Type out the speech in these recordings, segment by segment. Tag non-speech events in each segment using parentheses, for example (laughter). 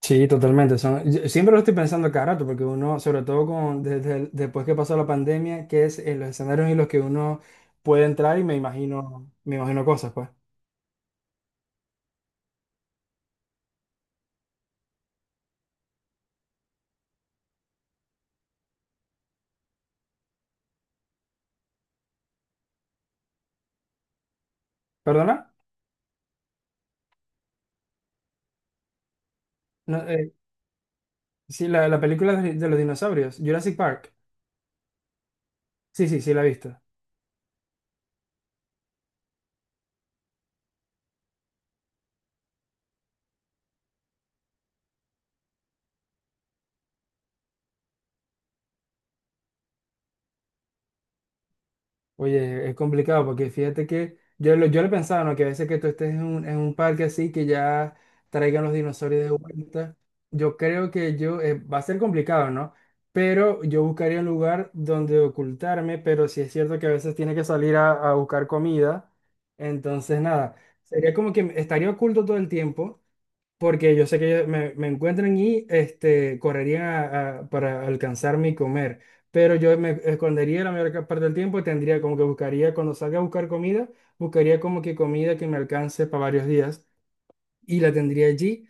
Sí, totalmente. Son, yo siempre lo estoy pensando cada rato, porque uno, sobre todo con, desde el- después que pasó la pandemia, que es en los escenarios en los que uno puede entrar y me imagino cosas, pues. ¿Perdona? No, sí, la película de los dinosaurios, Jurassic Park. Sí, sí, sí, la he visto. Oye, es complicado porque fíjate que yo, lo- yo le pensaba, ¿no? Que a veces que tú estés en un parque así, que ya traigan los dinosaurios de vuelta, yo creo que yo, va a ser complicado, ¿no? Pero yo buscaría un lugar donde ocultarme, pero sí es cierto que a veces tiene que salir a buscar comida, entonces nada, sería como que estaría oculto todo el tiempo porque yo sé que ellos me, me encuentran y este, correrían a- para alcanzarme y comer, pero yo me escondería la mayor ca- parte del tiempo y tendría como que buscaría, cuando salga a buscar comida, buscaría como que comida que me alcance para varios días y la tendría allí.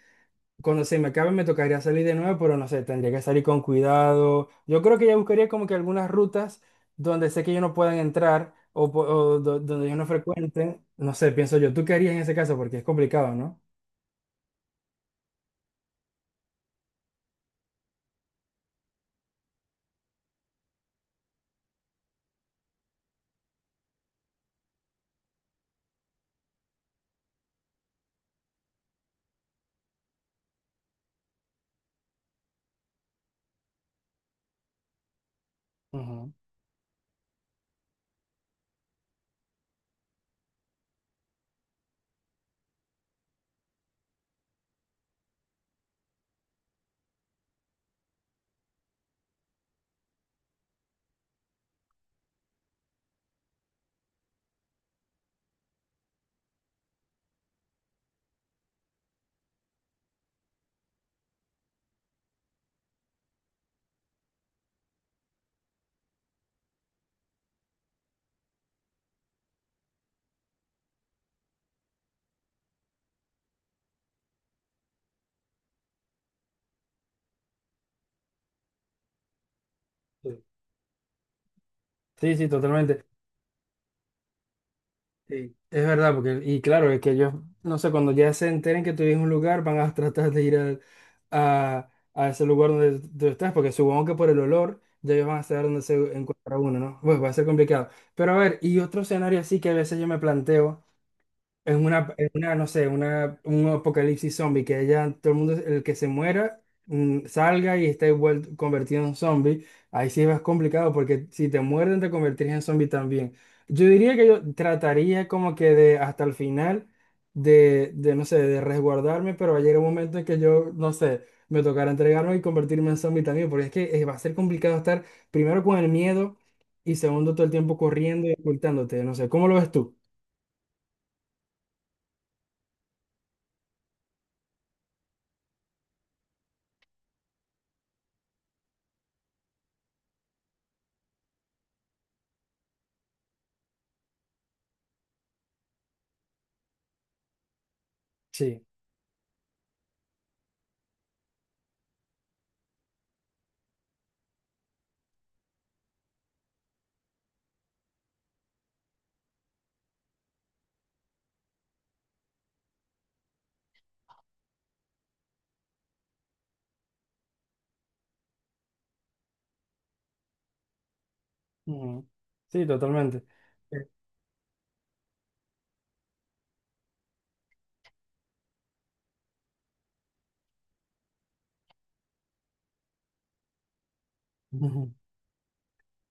Cuando se me acabe me tocaría salir de nuevo, pero no sé, tendría que salir con cuidado. Yo creo que ya buscaría como que algunas rutas donde sé que ellos no puedan entrar o, po- o do- donde ellos no frecuenten. No sé, pienso yo, ¿tú qué harías en ese caso? Porque es complicado, ¿no? Ujú. Sí, sí, totalmente. Sí, es verdad, porque, y claro, es que ellos, no sé, cuando ya se enteren que tú vives en un lugar, van a tratar de ir al- a ese lugar donde tú estás, porque supongo que por el olor ya ellos van a saber dónde se encuentra uno, ¿no? Pues va a ser complicado. Pero a ver, y otro escenario así que a veces yo me planteo. Es una, en una, no sé, una, un apocalipsis zombie, que ya todo el mundo, el que se muera, salga y esté vuel- convertido en zombie. Ahí sí es más complicado porque si te muerden te convertirías en zombie también. Yo diría que yo trataría como que de hasta el final de, no sé, de resguardarme, pero va a llegar un momento en que yo, no sé, me tocará entregarme y convertirme en zombie también, porque es que va a ser complicado estar primero con el miedo y segundo todo el tiempo corriendo y ocultándote, no sé, ¿cómo lo ves tú? Sí. Ujú. Sí, totalmente. Eh, ujú.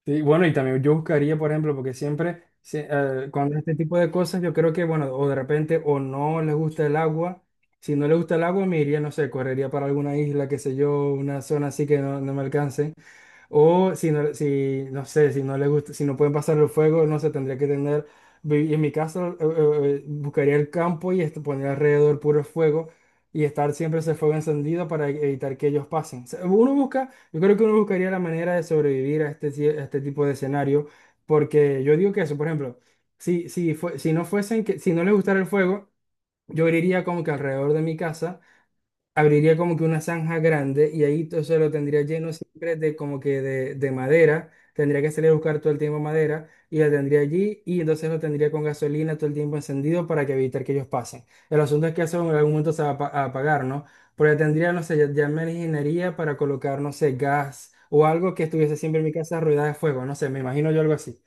Sí, bueno, y también yo buscaría, por ejemplo, porque siempre, se- cuando este tipo de cosas, yo creo que, bueno, o de repente o no les gusta el agua. Si no les gusta el agua, me iría, no sé, correría para alguna isla, qué sé yo, una zona así que no, no me alcance. O si no, si, no sé, si no le gusta, si no pueden pasar el fuego, no sé, tendría que tener, vi- en mi caso, buscaría el campo y este, poner alrededor puro fuego y estar siempre ese fuego encendido para e- evitar que ellos pasen. O sea, uno busca, yo creo que uno buscaría la manera de sobrevivir a este, ti- a este tipo de escenario, porque yo digo que eso, por ejemplo, si, si, fue- si no fuesen que, si no les gustara el fuego, yo iría como que alrededor de mi casa abriría como que una zanja grande y ahí todo eso lo tendría lleno siempre de como que de madera. Tendría que salir a buscar todo el tiempo madera y la tendría allí y entonces lo tendría con gasolina todo el tiempo encendido para que evitar que ellos pasen. El asunto es que eso en algún momento se va a, pa- a apagar, ¿no? Porque tendría, no sé, ya me ingeniería para colocar, no sé, gas o algo que estuviese siempre en mi casa rodeada de fuego, no sé, me imagino yo algo así.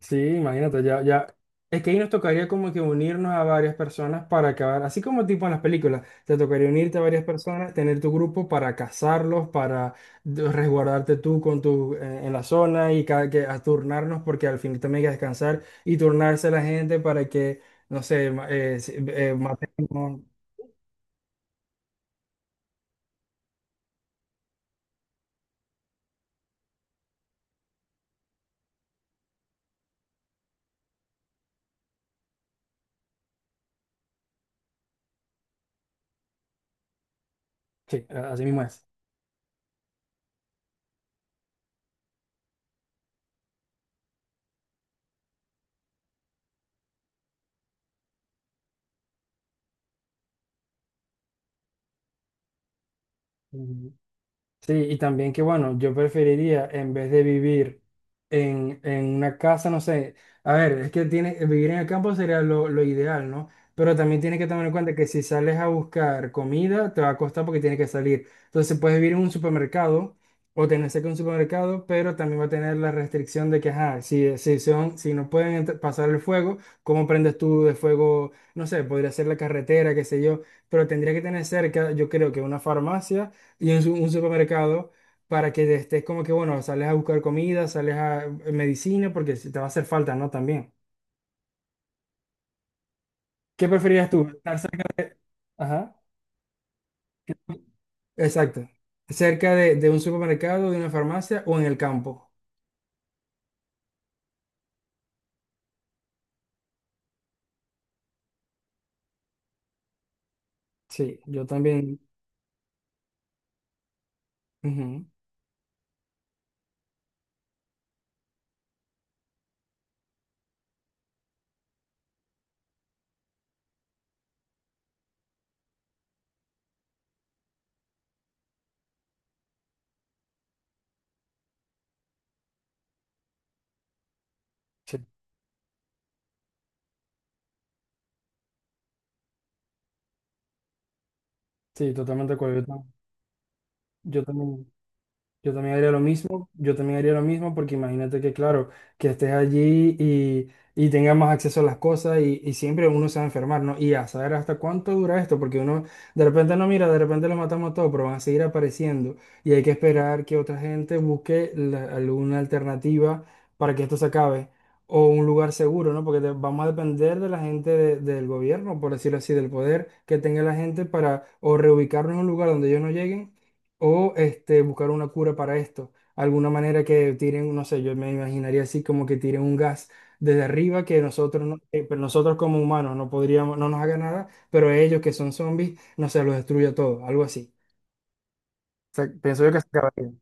Sí, imagínate, ya. Es que ahí nos tocaría como que unirnos a varias personas para acabar, así como tipo en las películas, te tocaría unirte a varias personas, tener tu grupo para cazarlos, para de- resguardarte tú con tu, en la zona y cada que a turnarnos porque al fin también hay que descansar y turnarse la gente para que, no sé, ma- si- matemos. Sí, así mismo es. Sí, y también que bueno, yo preferiría en vez de vivir en una casa, no sé, a ver, es que tiene, vivir en el campo sería lo ideal, ¿no? Pero también tienes que tomar en cuenta que si sales a buscar comida, te va a costar porque tienes que salir. Entonces puedes vivir en un supermercado o tener cerca un supermercado, pero también va a tener la restricción de que, ajá, si, si, son, si no pueden entr- pasar el fuego, ¿cómo prendes tú de fuego? No sé, podría ser la carretera, qué sé yo, pero tendría que tener cerca, yo creo que una farmacia y en su- un supermercado para que estés como que, bueno, sales a buscar comida, sales a medicina, porque si te va a hacer falta, ¿no? También. ¿Qué preferirías tú? ¿Estar cerca? Ajá. Exacto. ¿Cerca de un supermercado, de una farmacia o en el campo? Sí, yo también. Ujú, sí, sí, totalmente de acuerdo. Yo, tam- yo también. Yo también haría lo mismo, yo también haría lo mismo porque imagínate que, claro, que estés allí y tengas más acceso a las cosas y siempre uno se va a enfermar, ¿no? Y a saber hasta cuánto dura esto, porque uno de repente no mira, de repente los matamos todos, pero van a seguir apareciendo y hay que esperar que otra gente busque la- alguna alternativa para que esto se acabe o un lugar seguro, ¿no? Porque de- vamos a depender de la gente de- del gobierno, por decirlo así, del poder que tenga la gente para o reubicarnos en un lugar donde ellos no lleguen o este, buscar una cura para esto. Alguna manera que tiren, no sé, yo me imaginaría así como que tiren un gas desde arriba que nosotros, no- pero nosotros como humanos no podríamos, no nos haga nada, pero ellos que son zombies, no sé, los destruye todo, algo así. O sea, pienso yo que se acabaría.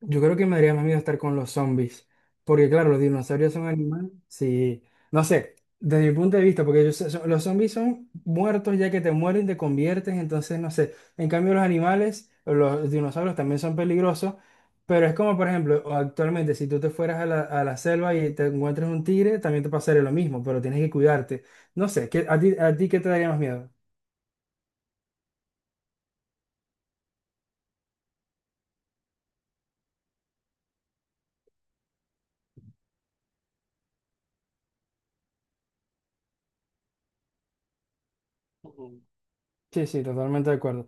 Yo creo que me daría más miedo estar con los zombies, porque claro, los dinosaurios son animales, sí, no sé, desde mi punto de vista, porque ellos son- los zombies son muertos ya que te mueren, te conviertes, entonces no sé, en cambio los animales, los dinosaurios también son peligrosos, pero es como por ejemplo, actualmente si tú te fueras a la selva y te encuentras un tigre, también te pasaría lo mismo, pero tienes que cuidarte, no sé, ¿qué- a ti qué te daría más miedo? Ujú. Sí, sí, totalmente de acuerdo.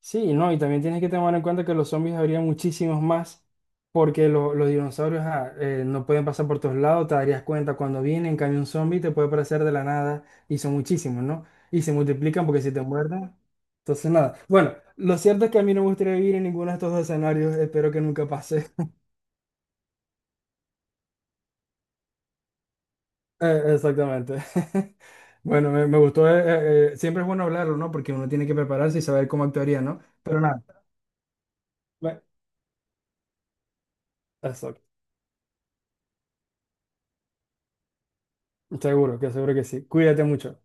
Sí, no, y también tienes que tomar en cuenta que los zombies habría muchísimos más, porque lo- los dinosaurios ah, no pueden pasar por todos lados, te darías cuenta cuando vienen, en cambio un zombie te puede aparecer de la nada, y son muchísimos, ¿no? Y se multiplican porque si te muerden, entonces nada. Bueno, lo cierto es que a mí no me gustaría vivir en ninguno de estos dos escenarios, espero que nunca pase. Exactamente. (laughs) Bueno, me gustó, siempre es bueno hablarlo, ¿no? Porque uno tiene que prepararse y saber cómo actuaría, ¿no? Pero nada, bueno, exacto. Seguro que sí. Cuídate mucho.